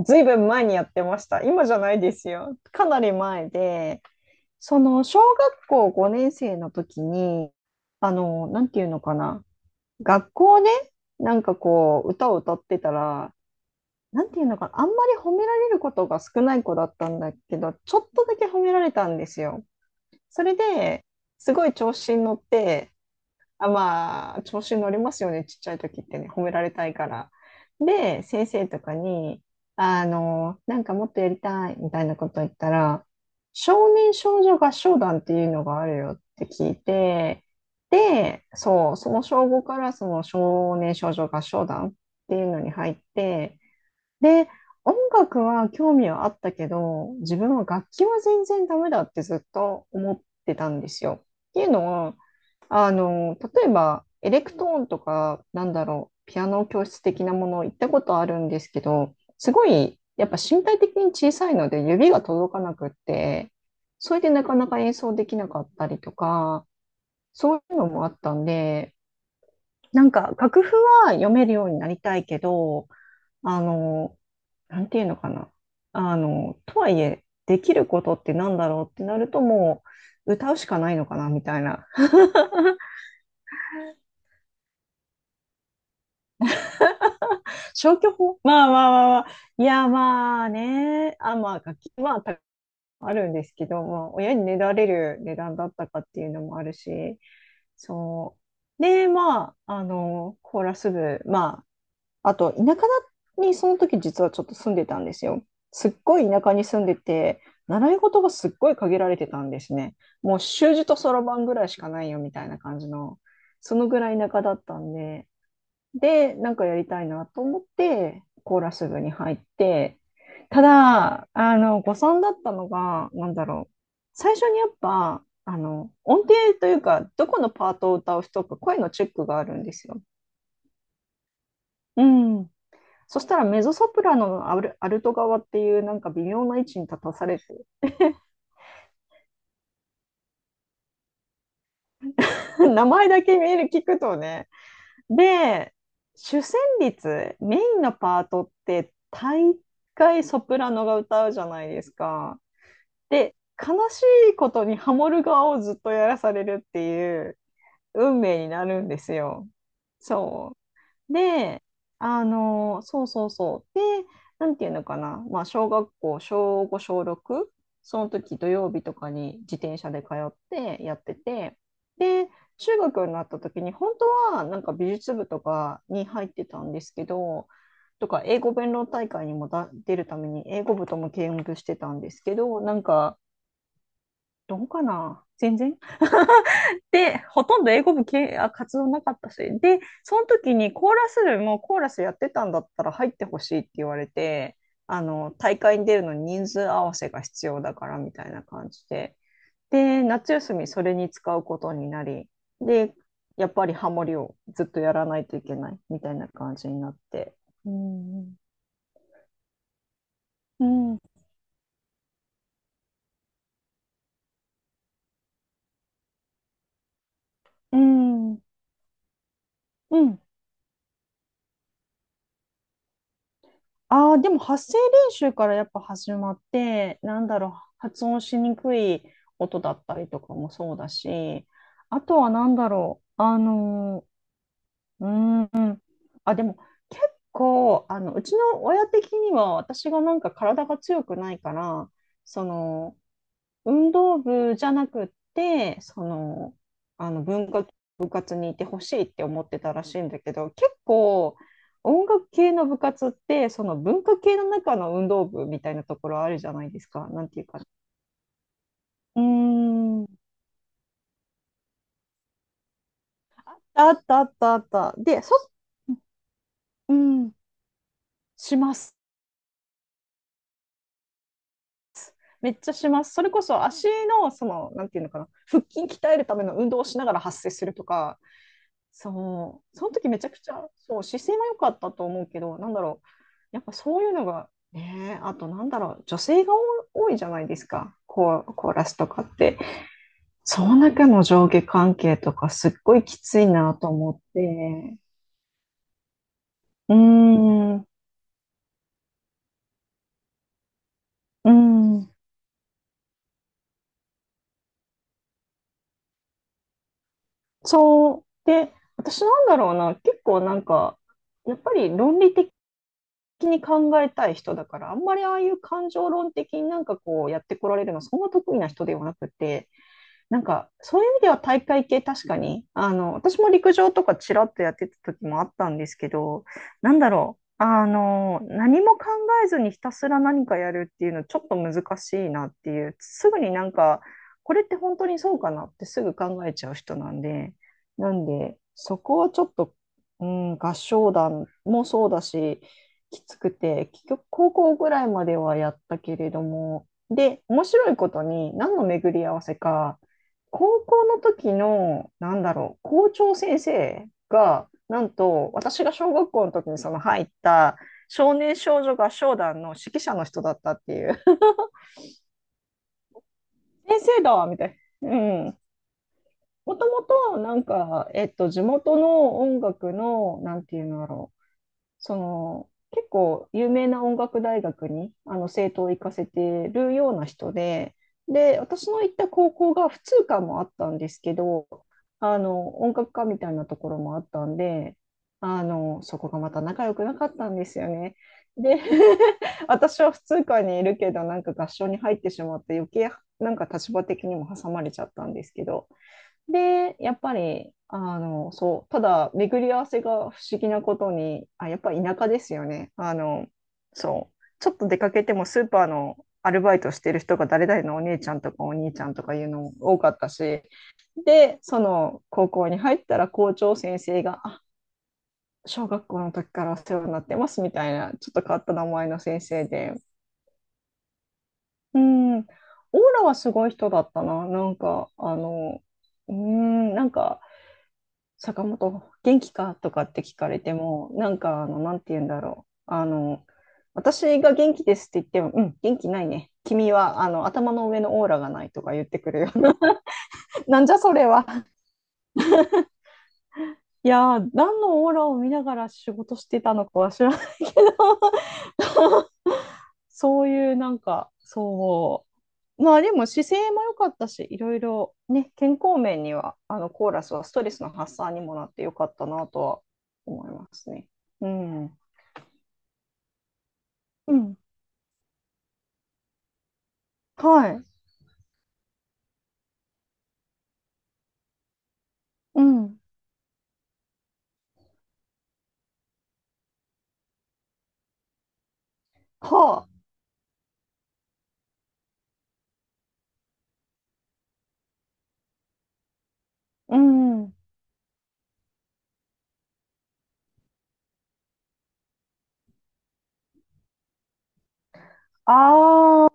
ずいぶん前にやってました。今じゃないですよ。かなり前で、その小学校5年生の時に、あの、なんていうのかな。学校ね、なんかこう、歌を歌ってたら、なんていうのかな。あんまり褒められることが少ない子だったんだけど、ちょっとだけ褒められたんですよ。それで、すごい調子に乗って、調子に乗りますよね、ちっちゃい時ってね、褒められたいから。で、先生とかに、なんかもっとやりたいみたいなこと言ったら、少年少女合唱団っていうのがあるよって聞いて、で、そう、その小5からその少年少女合唱団っていうのに入って、で、音楽は興味はあったけど、自分は楽器は全然ダメだってずっと思ってたんですよ。っていうのは、例えば、エレクトーンとか、ピアノ教室的なものを行ったことあるんですけど、すごい、やっぱ身体的に小さいので指が届かなくって、それでなかなか演奏できなかったりとか、そういうのもあったんで、なんか楽譜は読めるようになりたいけど、あの、なんていうのかな。あの、とはいえ、できることってなんだろうってなるともう、歌うしかないのかなみたいな消去法まあまあまあまあ。いや、まあね。楽器、まあ、あるんですけど、まあ、親にねだれる値段だったかっていうのもあるし、そう。で、まあ、コーラス部、まあ、あと、田舎にその時実はちょっと住んでたんですよ。すっごい田舎に住んでて、習い事がすっごい限られてたんですね。もう習字とそろばんぐらいしかないよみたいな感じの、そのぐらい田舎だったんで、で、なんかやりたいなと思って、コーラス部に入って、ただ、誤算だったのが、なんだろう。最初にやっぱ、音程というか、どこのパートを歌う人か、声のチェックがあるんですよ。うん。そしたらメゾソプラノのアルト側っていうなんか微妙な位置に立たされて、 名前だけ見える聞くとね。で、主旋律、メインのパートって大概ソプラノが歌うじゃないですか。で、悲しいことにハモる側をずっとやらされるっていう運命になるんですよ。そう。で、そうそうそう。で、なんていうのかな。まあ、小学校、小5、小6、その時土曜日とかに自転車で通ってやってて、で、中学になった時に、本当はなんか美術部とかに入ってたんですけど、とか英語弁論大会にも出るために英語部とも兼務してたんですけど、なんかどうかな全然。で、ほとんど英語部活動なかったし。で、その時にコーラス部もコーラスやってたんだったら入ってほしいって言われて、大会に出るのに人数合わせが必要だからみたいな感じで。で、夏休みそれに使うことになり、で、やっぱりハモリをずっとやらないといけないみたいな感じになって。うん。うん。うん。うん。ああ、でも発声練習からやっぱ始まって、発音しにくい音だったりとかもそうだし、あとはー、うーん、でも結構、うちの親的には私がなんか体が強くないから、その、運動部じゃなくって、その、あの文化部活にいてほしいって思ってたらしいんだけど、結構音楽系の部活って、その文化系の中の運動部みたいなところあるじゃないですか。なんていうか。うーん。あったあったあった。で、うん。します。めっちゃします。それこそ足の、その、なんていうのかな、腹筋鍛えるための運動をしながら発声するとか、そう、その時めちゃくちゃ、そう、姿勢は良かったと思うけど、やっぱそういうのが、ねえ、あと女性が多いじゃないですか、コーラスとかって。その中の上下関係とか、すっごいきついなと思って、うーん、うーん、そう。で、私なんだろうな、結構なんか、やっぱり論理的に考えたい人だから、あんまりああいう感情論的になんかこうやってこられるの、そんな得意な人ではなくて、なんか、そういう意味では大会系確かに、私も陸上とかちらっとやってた時もあったんですけど、何も考えずにひたすら何かやるっていうのちょっと難しいなっていう、すぐになんか、これって本当にそうかなってすぐ考えちゃう人なんで、なんで、そこはちょっと、うん、合唱団もそうだし、きつくて、結局高校ぐらいまではやったけれども、で、面白いことに何の巡り合わせか、高校の時の、校長先生が、なんと、私が小学校の時にその入った少年少女合唱団の指揮者の人だったっていう。先生だわ、みたいな。うん。もともと、なんか、地元の音楽の、なんていうのだろう。その結構有名な音楽大学にあの生徒を行かせてるような人で、で、私の行った高校が普通科もあったんですけど、あの音楽科みたいなところもあったんで、あのそこがまた仲良くなかったんですよね。で 私は普通科にいるけど、なんか合唱に入ってしまって、余計なんか立場的にも挟まれちゃったんですけど、で、やっぱり、そう、ただ、巡り合わせが不思議なことに、やっぱり田舎ですよね。そう、ちょっと出かけてもスーパーのアルバイトしてる人が誰々のお姉ちゃんとかお兄ちゃんとかいうのも多かったし、で、その高校に入ったら校長先生が、小学校の時からお世話になってますみたいな、ちょっと変わった名前の先生で、うん、オーラはすごい人だったな。なんか、うん、なんか、坂本、元気かとかって聞かれても、なんか、あの、なんて言うんだろう。あの、私が元気ですって言っても、うん、元気ないね。君は、頭の上のオーラがないとか言ってくるような。なんじゃそれは。いやー、何のオーラを見ながら仕事してたのかは知らないけど、そういう、なんか、そう。まあでも姿勢も良かったし、いろいろね、健康面には、あのコーラスはストレスの発散にもなって良かったなとは思いますね。うん。うん。はい。うん。はあ。うん。ああ、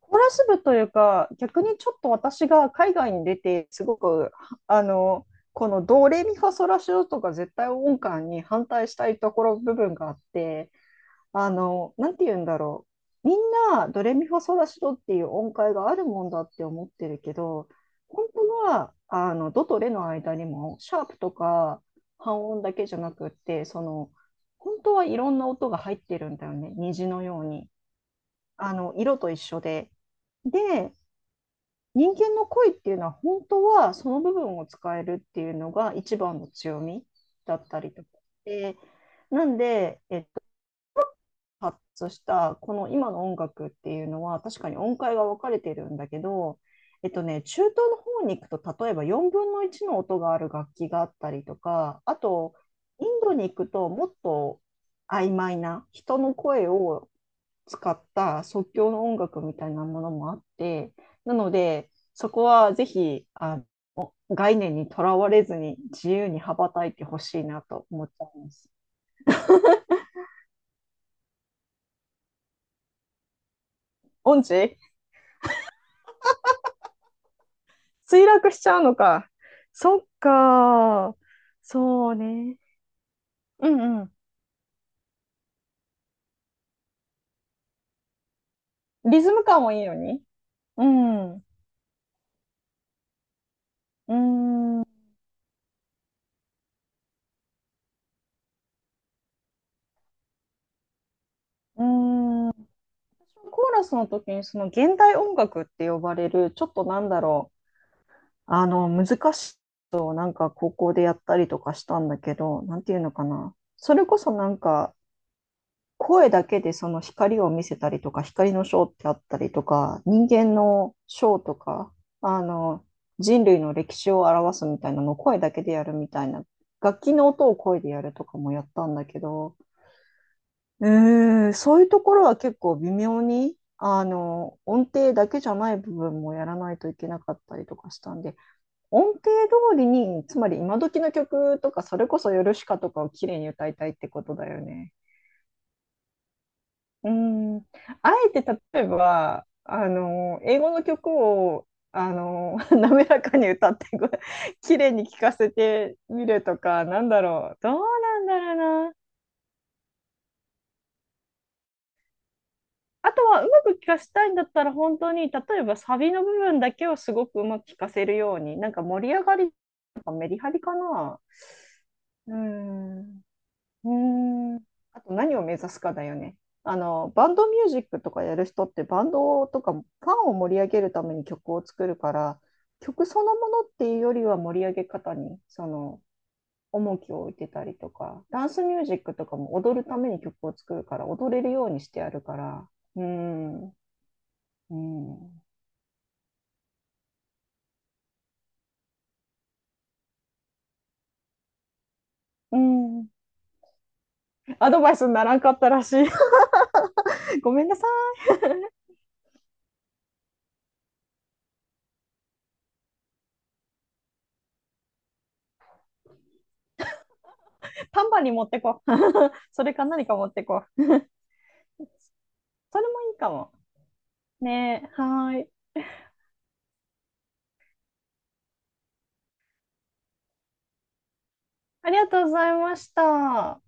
コーラス部というか、逆にちょっと私が海外に出て、すごく、あの、このドレミファソラシドとか絶対音感に反対したいところ部分があって、なんて言うんだろう。みんな、ドレミファソラシドっていう音階があるもんだって思ってるけど、本当は、ドとレの間にも、シャープとか半音だけじゃなくって、本当はいろんな音が入ってるんだよね。虹のように。色と一緒で。で、人間の声っていうのは、本当はその部分を使えるっていうのが一番の強みだったりとか。で、なんで、発したこの今の音楽っていうのは確かに音階が分かれてるんだけど、えっとね、中東の方に行くと例えば4分の1の音がある楽器があったりとか、あとインドに行くと、もっと曖昧な人の声を使った即興の音楽みたいなものもあって、なので、そこはぜひ概念にとらわれずに自由に羽ばたいてほしいなと思っちゃいます。オンチ墜落しちゃうのか。そっか。そうね。うんうん。リズム感もいいのに。うん。うーん。うーん。コーラスの時にその現代音楽って呼ばれる、ちょっとなんだろう。難しいことをなんか高校でやったりとかしたんだけど、なんていうのかな。それこそなんか、声だけでその光を見せたりとか、光のショーってあったりとか、人間のショーとか、あの、人類の歴史を表すみたいなのを声だけでやるみたいな、楽器の音を声でやるとかもやったんだけど、えそういうところは結構微妙に、音程だけじゃない部分もやらないといけなかったりとかしたんで、音程通りに、つまり今時の曲とか、それこそヨルシカとかを綺麗に歌いたいってことだよね。うん、あえて例えば、英語の曲を、滑らかに歌ってき 綺麗に聴かせてみるとか、なんだろう。どうなんだろうな。あとは、うまく聴かせたいんだったら、本当に、例えばサビの部分だけをすごくうまく聴かせるように、なんか盛り上がりとかメリハリかな。うーん。うーん。あと何を目指すかだよね。バンドミュージックとかやる人ってバンドとかファンを盛り上げるために曲を作るから、曲そのものっていうよりは盛り上げ方にその重きを置いてたりとか、ダンスミュージックとかも踊るために曲を作るから踊れるようにしてやるから、うーん、うーん、うーん、アドバイスにならんかったらしい。ごめんなさい。タンバリン持ってこう。それか何か持ってこう。それもいいかも。ねえ、はーい。ありがとうございました。